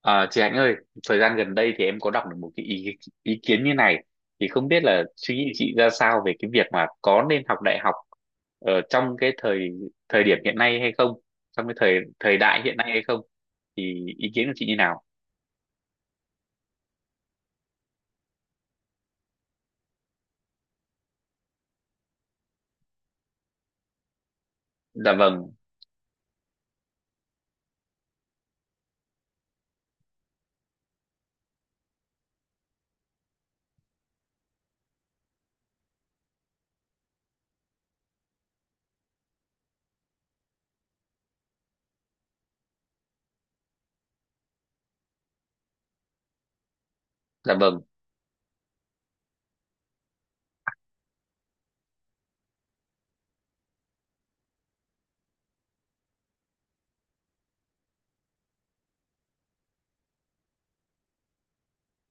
À, chị Hạnh ơi, thời gian gần đây thì em có đọc được một cái ý kiến như này, thì không biết là suy nghĩ chị ra sao về cái việc mà có nên học đại học ở trong cái thời thời điểm hiện nay hay không, trong cái thời thời đại hiện nay hay không, thì ý kiến của chị như nào? Dạ vâng. Dạ vâng.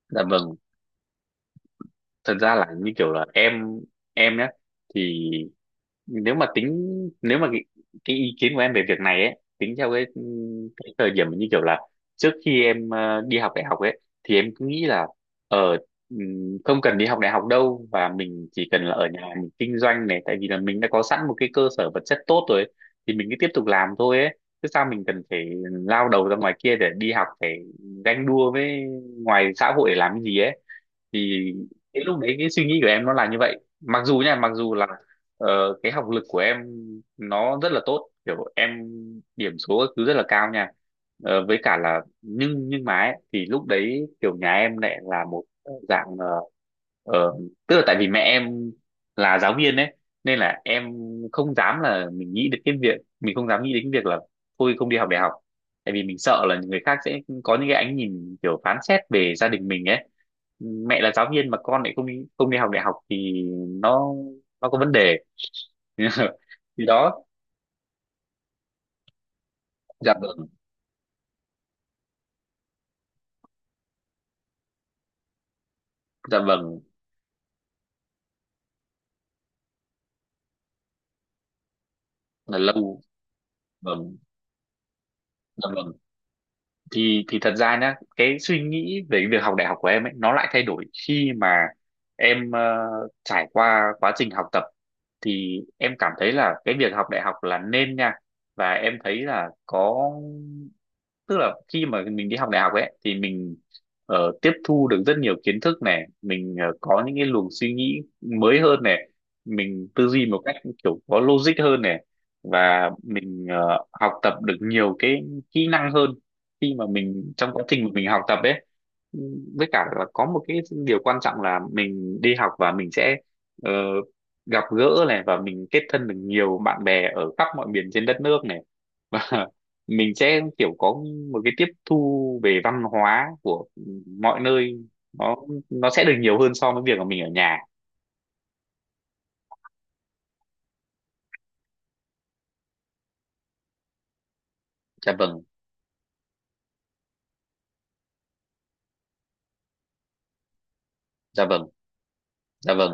Dạ vâng. Thật ra là như kiểu là em nhé, thì nếu mà tính, nếu mà cái ý kiến của em về việc này ấy tính theo cái thời điểm như kiểu là trước khi em đi học đại học ấy, thì em cứ nghĩ là ở không cần đi học đại học đâu, và mình chỉ cần là ở nhà mình kinh doanh này, tại vì là mình đã có sẵn một cái cơ sở vật chất tốt rồi ấy, thì mình cứ tiếp tục làm thôi ấy, chứ sao mình cần phải lao đầu ra ngoài kia để đi học, phải ganh đua với ngoài xã hội để làm cái gì ấy. Thì cái lúc đấy cái suy nghĩ của em nó là như vậy, mặc dù nha, mặc dù là cái học lực của em nó rất là tốt, kiểu em điểm số các thứ rất là cao nha. Với cả là nhưng mà ấy, thì lúc đấy kiểu nhà em lại là một dạng ờ, tức là tại vì mẹ em là giáo viên ấy, nên là em không dám là mình nghĩ đến cái việc, mình không dám nghĩ đến cái việc là thôi không đi học đại học, tại vì mình sợ là người khác sẽ có những cái ánh nhìn kiểu phán xét về gia đình mình ấy. Mẹ là giáo viên mà con lại không đi học đại học thì nó nó có vấn đề. Thì đó. Dạ vâng. Dạ vâng là lâu. Vâng. Dạ vâng. Thì thật ra nhá, cái suy nghĩ về cái việc học đại học của em ấy nó lại thay đổi khi mà em trải qua quá trình học tập, thì em cảm thấy là cái việc học đại học là nên nha, và em thấy là có, tức là khi mà mình đi học đại học ấy, thì mình tiếp thu được rất nhiều kiến thức này, mình có những cái luồng suy nghĩ mới hơn này, mình tư duy một cách kiểu có logic hơn này, và mình học tập được nhiều cái kỹ năng hơn khi mà mình trong quá trình mà mình học tập ấy. Với cả là có một cái điều quan trọng là mình đi học và mình sẽ ờ, gặp gỡ này, và mình kết thân được nhiều bạn bè ở khắp mọi miền trên đất nước này. Mình sẽ kiểu có một cái tiếp thu về văn hóa của mọi nơi, nó nó sẽ được nhiều hơn so với việc mà mình ở nhà. Dạ vâng. Dạ vâng. Dạ vâng.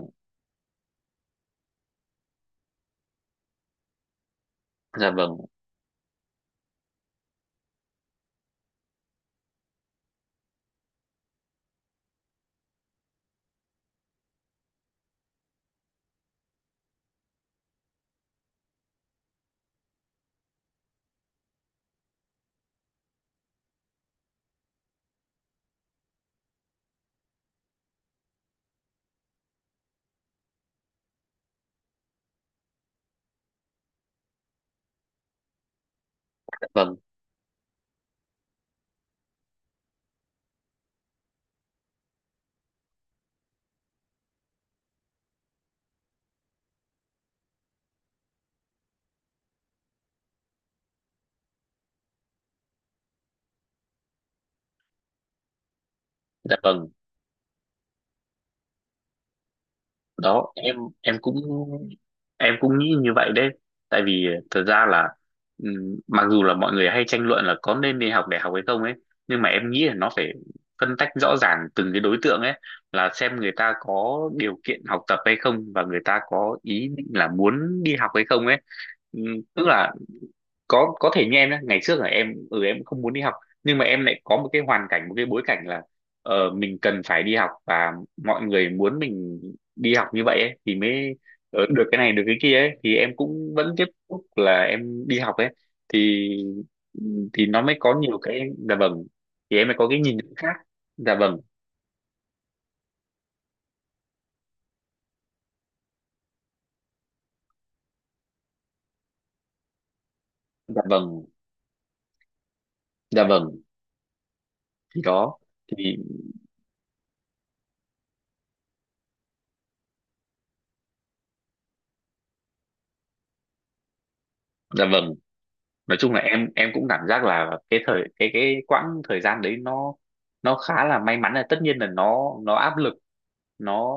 Dạ vâng. Dạ vâng. Dạ vâng. Đó, em cũng, em cũng nghĩ như vậy đấy, tại vì thật ra là mặc dù là mọi người hay tranh luận là có nên đi học đại học hay không ấy, nhưng mà em nghĩ là nó phải phân tách rõ ràng từng cái đối tượng ấy, là xem người ta có điều kiện học tập hay không, và người ta có ý định là muốn đi học hay không ấy. Ừm, Tức là có thể như em nhé, ngày trước là em ừ, em không muốn đi học, nhưng mà em lại có một cái hoàn cảnh, một cái bối cảnh là mình cần phải đi học và mọi người muốn mình đi học như vậy ấy, thì mới được cái này được cái kia ấy, thì em cũng vẫn tiếp tục là em đi học ấy. Thì thì nó mới có nhiều cái. Dạ vâng. Thì em mới có cái nhìn khác. Dạ vâng. Dạ vâng. Dạ vâng. Thì đó. Thì. Dạ vâng. Nói chung là em cũng cảm giác là cái thời, cái quãng thời gian đấy nó khá là may mắn, là tất nhiên là nó áp lực, nó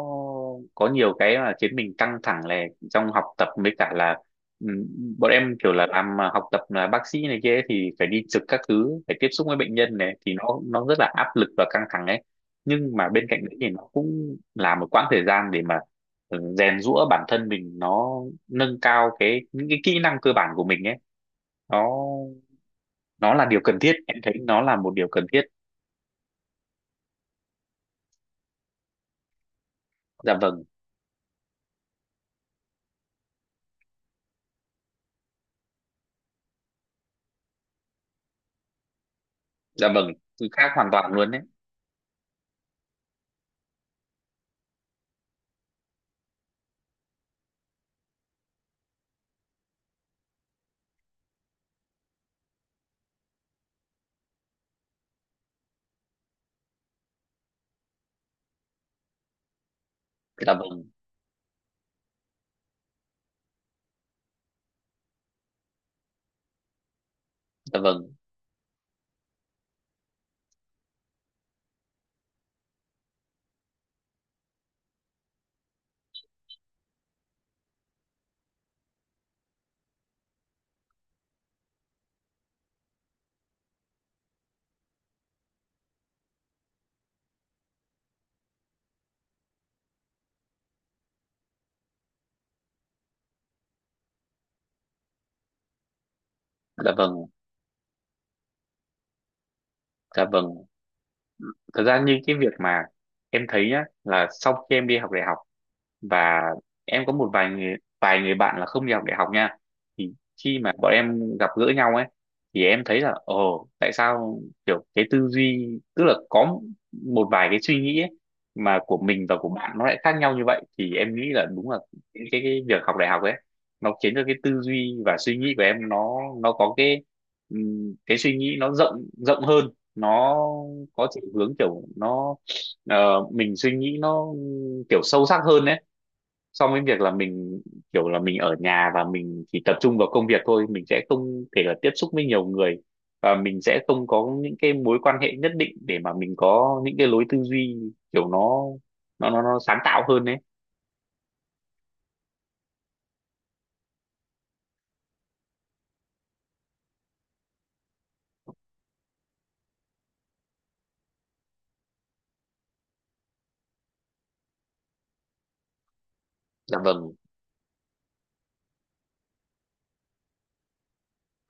có nhiều cái mà khiến mình căng thẳng, là trong học tập với cả là ừm, bọn em kiểu là làm à, học tập là bác sĩ này kia ấy, thì phải đi trực các thứ, phải tiếp xúc với bệnh nhân này, thì nó rất là áp lực và căng thẳng ấy. Nhưng mà bên cạnh đấy thì nó cũng là một quãng thời gian để mà rèn giũa bản thân mình, nó nâng cao cái, những cái kỹ năng cơ bản của mình ấy, nó nó là điều cần thiết, em thấy nó là một điều cần thiết. Dạ vâng. Dạ vâng. Từ khác hoàn toàn luôn đấy. Dạ vâng. Dạ vâng. Dạ vâng. Dạ vâng. Thật ra như cái việc mà em thấy nhá, là sau khi em đi học đại học và em có một vài người, vài người bạn là không đi học đại học nha, thì khi mà bọn em gặp gỡ nhau ấy, thì em thấy là ồ tại sao kiểu cái tư duy, tức là có một vài cái suy nghĩ ấy, mà của mình và của bạn nó lại khác nhau như vậy, thì em nghĩ là đúng là cái việc học đại học ấy nó khiến cho cái tư duy và suy nghĩ của em nó có cái suy nghĩ nó rộng rộng hơn, nó có chiều hướng kiểu nó mình suy nghĩ nó kiểu sâu sắc hơn đấy. Xong cái việc là mình kiểu là mình ở nhà và mình chỉ tập trung vào công việc thôi, mình sẽ không thể là tiếp xúc với nhiều người, và mình sẽ không có những cái mối quan hệ nhất định để mà mình có những cái lối tư duy kiểu nó, nó sáng tạo hơn đấy. Dạ vâng.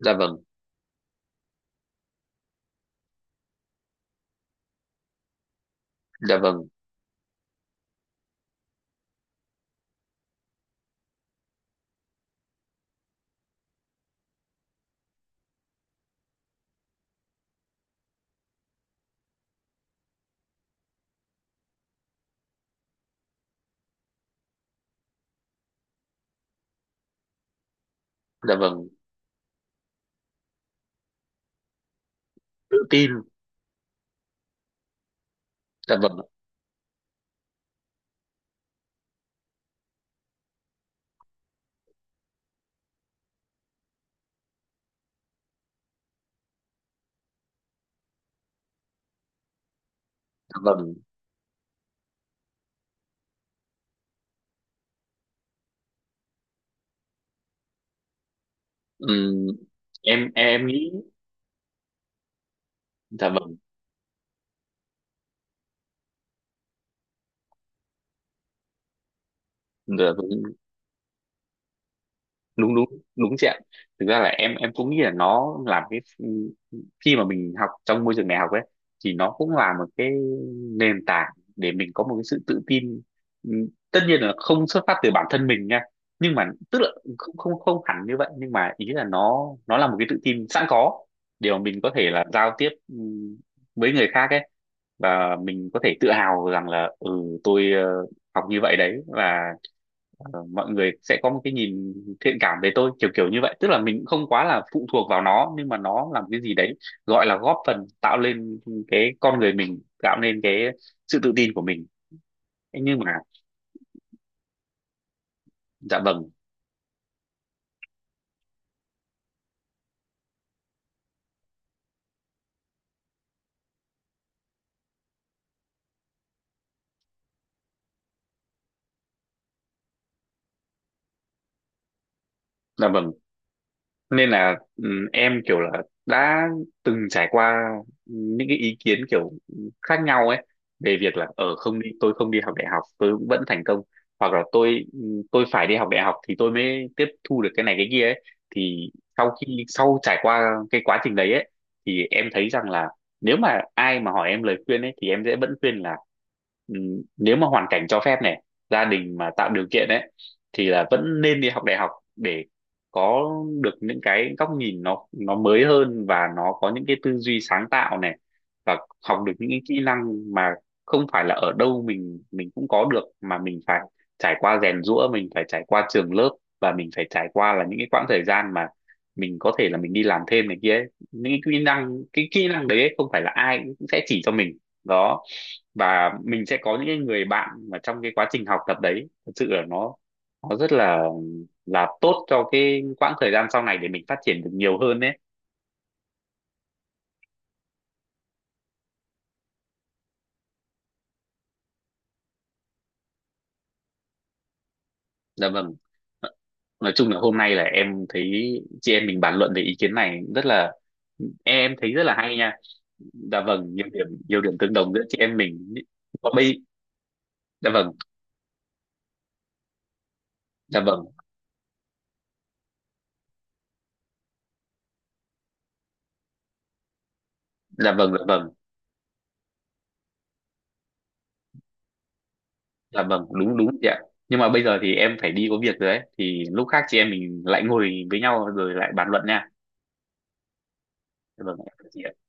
Dạ vâng. Dạ vâng. Dạ vâng. Tự tin. Dạ vâng. Dạ vâng. Ừm, em nghĩ. Dạ vâng. Dạ vâng. Đúng đúng đúng chị ạ. Thực ra là em cũng nghĩ là nó làm cái, khi mà mình học trong môi trường đại học ấy, thì nó cũng là một cái nền tảng để mình có một cái sự tự tin. Tất nhiên là không xuất phát từ bản thân mình nha, nhưng mà tức là không không không hẳn như vậy, nhưng mà ý là nó là một cái tự tin sẵn có để mà mình có thể là giao tiếp với người khác ấy, và mình có thể tự hào rằng là ừ, tôi học như vậy đấy, và mọi người sẽ có một cái nhìn thiện cảm về tôi, kiểu kiểu như vậy, tức là mình cũng không quá là phụ thuộc vào nó, nhưng mà nó làm cái gì đấy gọi là góp phần tạo lên cái con người mình, tạo nên cái sự tự tin của mình. Thế nhưng mà. Dạ vâng. Dạ vâng. Nên là ừ, em kiểu là đã từng trải qua những cái ý kiến kiểu khác nhau ấy, về việc là ở không đi, tôi không đi học đại học tôi cũng vẫn thành công, hoặc là tôi phải đi học đại học thì tôi mới tiếp thu được cái này cái kia ấy, thì sau khi sau trải qua cái quá trình đấy ấy, thì em thấy rằng là nếu mà ai mà hỏi em lời khuyên ấy, thì em sẽ vẫn khuyên là ừ, nếu mà hoàn cảnh cho phép này, gia đình mà tạo điều kiện ấy, thì là vẫn nên đi học đại học để có được những cái góc nhìn nó mới hơn, và nó có những cái tư duy sáng tạo này, và học được những cái kỹ năng mà không phải là ở đâu mình cũng có được, mà mình phải trải qua rèn giũa, mình phải trải qua trường lớp, và mình phải trải qua là những cái quãng thời gian mà mình có thể là mình đi làm thêm này kia ấy. Những cái kỹ năng, cái kỹ năng đấy ấy, không phải là ai cũng sẽ chỉ cho mình đó, và mình sẽ có những cái người bạn mà trong cái quá trình học tập đấy thật sự là nó, nó rất là tốt cho cái quãng thời gian sau này để mình phát triển được nhiều hơn đấy. Dạ vâng. Nói chung là hôm nay là em thấy chị em mình bàn luận về ý kiến này rất là, em thấy rất là hay nha. Dạ vâng, nhiều điểm tương đồng giữa chị em mình. Và bây. Dạ vâng. Dạ vâng. Dạ vâng. Dạ vâng. Dạ vâng. Đúng đúng chị ạ. Nhưng mà bây giờ thì em phải đi có việc rồi đấy, thì lúc khác chị em mình lại ngồi với nhau rồi lại bàn luận nha. Dạ vâng, em chào chị ạ.